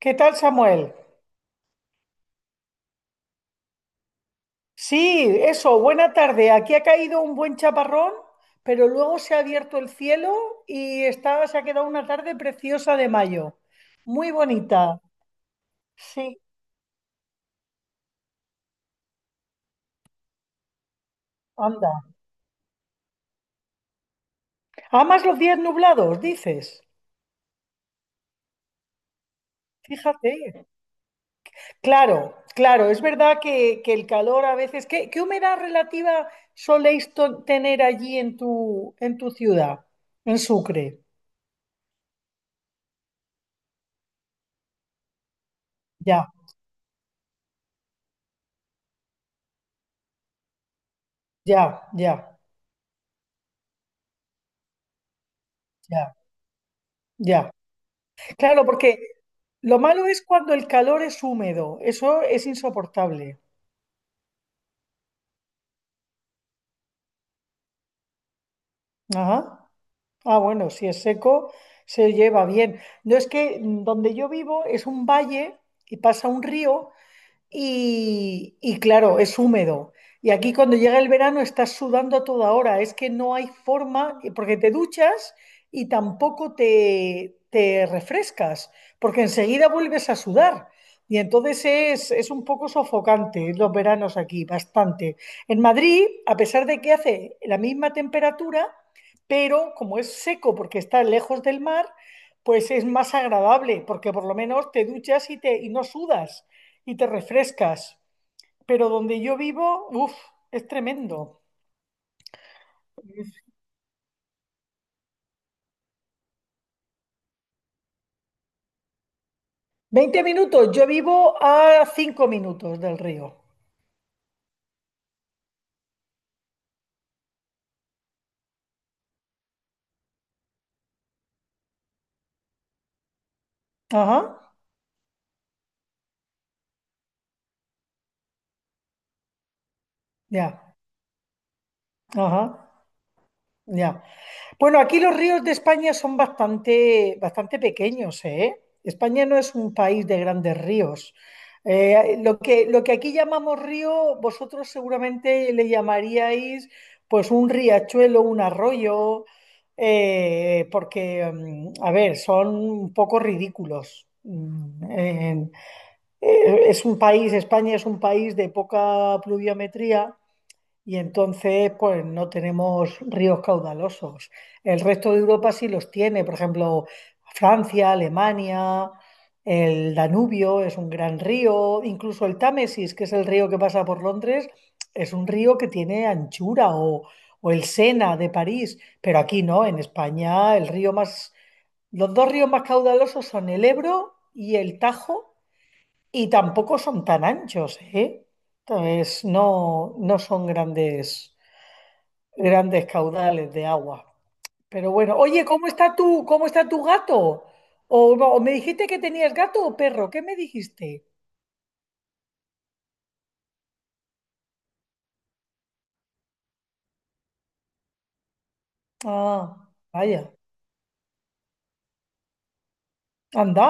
¿Qué tal, Samuel? Sí, eso, buena tarde. Aquí ha caído un buen chaparrón, pero luego se ha abierto el cielo y se ha quedado una tarde preciosa de mayo. Muy bonita. Sí, anda. Amas los días nublados, dices. Fíjate. Claro, claro, es verdad que el calor a veces. ¿Qué humedad relativa soléis tener allí en tu ciudad, en Sucre? Ya, ya, ya, ya, ya. Claro, porque Lo malo es cuando el calor es húmedo, eso es insoportable. Ajá. Ah, bueno, si es seco, se lleva bien. No es que donde yo vivo es un valle y pasa un río y claro, es húmedo. Y aquí cuando llega el verano estás sudando a toda hora, es que no hay forma, porque te duchas y tampoco te refrescas, porque enseguida vuelves a sudar. Y entonces es un poco sofocante los veranos aquí, bastante. En Madrid, a pesar de que hace la misma temperatura, pero como es seco porque está lejos del mar, pues es más agradable, porque por lo menos te duchas y no sudas y te refrescas. Pero donde yo vivo, uff, es tremendo. 20 minutos, yo vivo a 5 minutos del río. Ajá, ya, ajá, ya. Bueno, aquí los ríos de España son bastante, bastante pequeños, ¿eh? España no es un país de grandes ríos. Lo que aquí llamamos río, vosotros seguramente le llamaríais pues un riachuelo, un arroyo, porque, a ver, son un poco ridículos. España es un país de poca pluviometría y entonces, pues no tenemos ríos caudalosos. El resto de Europa sí los tiene, por ejemplo, Francia, Alemania, el Danubio es un gran río, incluso el Támesis, que es el río que pasa por Londres, es un río que tiene anchura, o el Sena de París, pero aquí no, en España los dos ríos más caudalosos son el Ebro y el Tajo, y tampoco son tan anchos, ¿eh? Entonces, no, no son grandes caudales de agua. Pero bueno, oye, ¿cómo está tu gato? O, no, me dijiste que tenías gato o perro, ¿qué me dijiste? Ah, vaya, anda.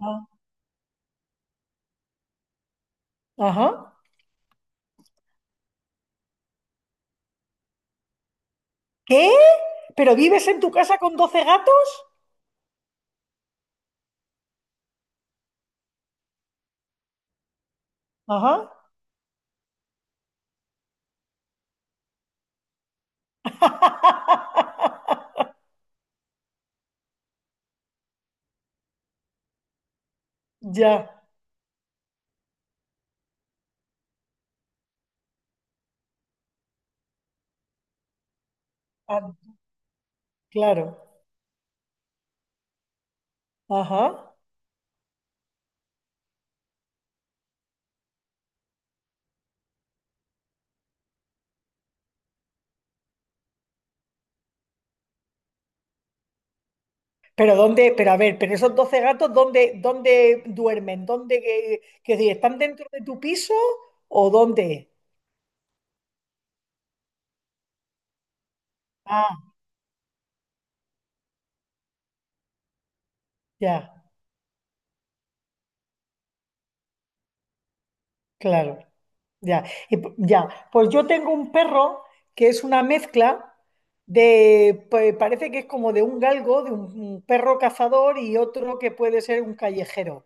Ah, ajá. ¿Qué? ¿Pero vives en tu casa con 12 gatos? Ajá. Ya, ah, claro. Ajá. Pero a ver, pero esos 12 gatos, ¿dónde duermen? ¿Dónde que si están dentro de tu piso o dónde? Ah, ya. Claro, ya. Pues yo tengo un perro que es una mezcla de parece que es como de un galgo, de un perro cazador y otro que puede ser un callejero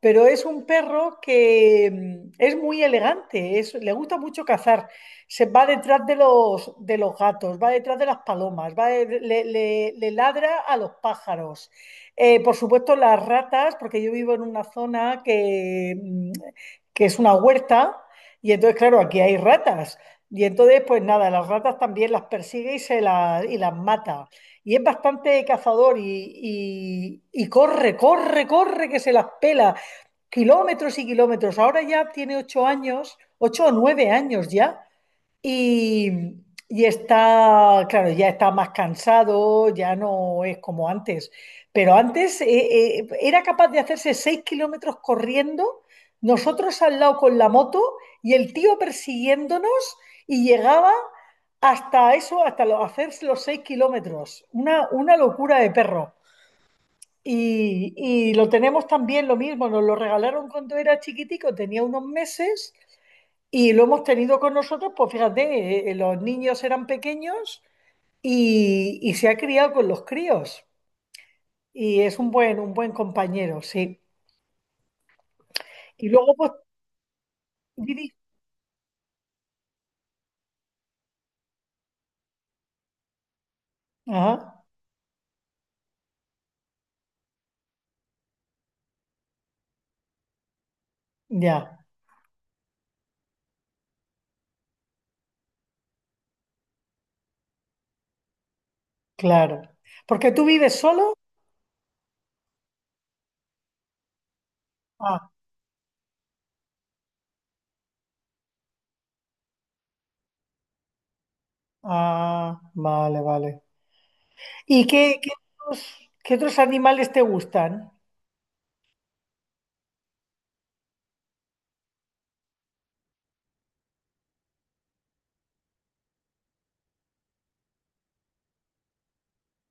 pero es un perro que es muy elegante, le gusta mucho cazar, se va detrás de los gatos, va detrás de las palomas, va de- le- le ladra a los pájaros. Por supuesto, las ratas, porque yo vivo en una zona que es una huerta, y entonces, claro, aquí hay ratas. Y entonces, pues nada, las ratas también las persigue y, se la y las mata. Y es bastante cazador y, y corre, corre, corre, que se las pela kilómetros y kilómetros. Ahora ya tiene 8 años, 8 o 9 años ya, y, y está, claro, ya está más cansado, ya no es como antes. Pero antes era capaz de hacerse 6 kilómetros corriendo, nosotros al lado con la moto y el tío persiguiéndonos y llegaba hasta eso, hasta lo, hacerse los 6 kilómetros. Una locura de perro. Y lo tenemos también lo mismo, nos lo regalaron cuando era chiquitico, tenía unos meses y lo hemos tenido con nosotros, pues fíjate, los niños eran pequeños y se ha criado con los críos y es un buen compañero, sí. Y luego pues viví- Ajá, ya, claro. Porque tú vives solo. Ah, ah, vale, vale. ¿Y otros, qué otros animales te gustan?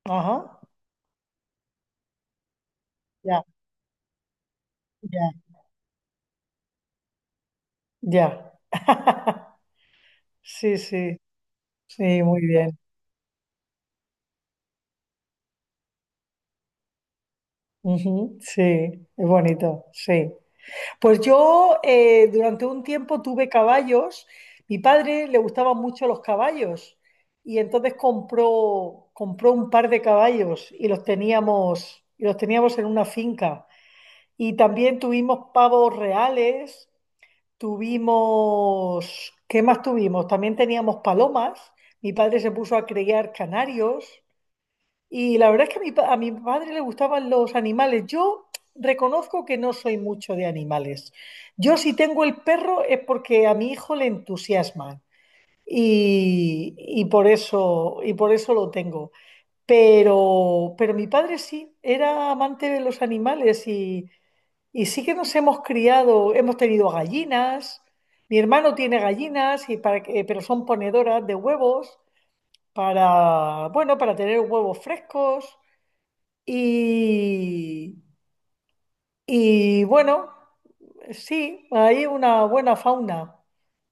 Ajá, ya, ya, ya. Sí, sí, sí, muy bien. Ujú, sí, es bonito, sí. Pues yo durante un tiempo tuve caballos. Mi padre le gustaban mucho los caballos y entonces compró un par de caballos y los teníamos en una finca. Y también tuvimos pavos reales, tuvimos, ¿qué más tuvimos? También teníamos palomas. Mi padre se puso a criar canarios. Y la verdad es que a mi padre le gustaban los animales. Yo reconozco que no soy mucho de animales. Yo si tengo el perro es porque a mi hijo le entusiasma y por eso, y por eso lo tengo. Pero mi padre sí, era amante de los animales y sí que nos hemos criado, hemos tenido gallinas. Mi hermano tiene gallinas, pero son ponedoras de huevos para, bueno, para tener huevos frescos. Y, y bueno, sí, hay una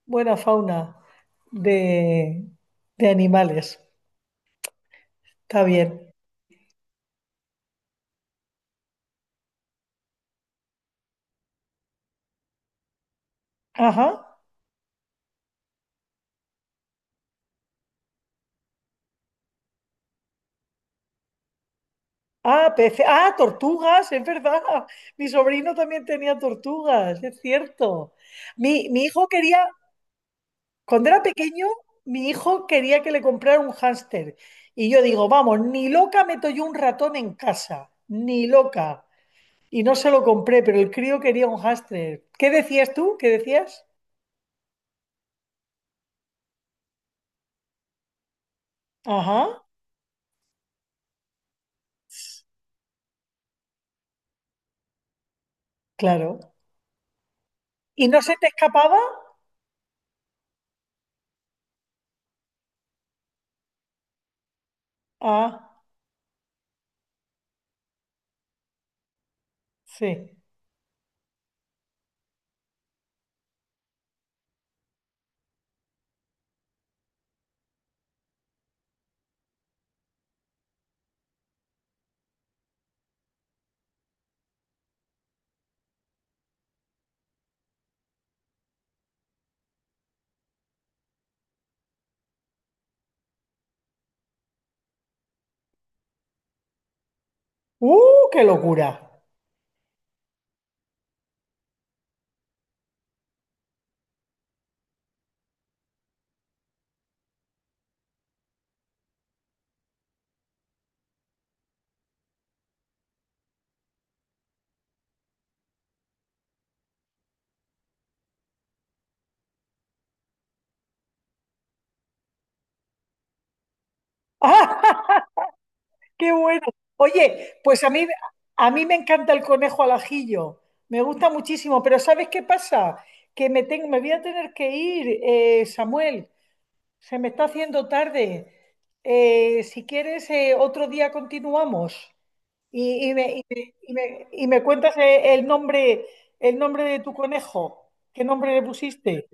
buena fauna de, de animales. Está bien. Ajá. Ah, peces. Ah, tortugas, es verdad. Mi sobrino también tenía tortugas, es cierto. Mi hijo quería, cuando era pequeño, mi hijo quería que le comprara un hámster. Y yo digo, vamos, ni loca meto yo un ratón en casa, ni loca. Y no se lo compré, pero el crío quería un Hashtag. ¿Qué decías tú? ¿Qué decías? Ajá, claro. ¿Y no se te escapaba? Ah, sí. ¡Uh, qué locura! ¡Ah, qué bueno! Oye, pues a mí me encanta el conejo al ajillo. Me gusta muchísimo, pero ¿sabes qué pasa? Me voy a tener que ir, Samuel. Se me está haciendo tarde. Si quieres, otro día continuamos. Y me, y me- y me- y me cuentas el nombre de tu conejo. ¿Qué nombre le pusiste?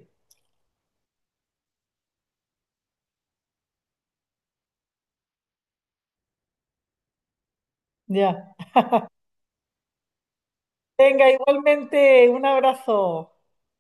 Ya. Venga, igualmente, un abrazo.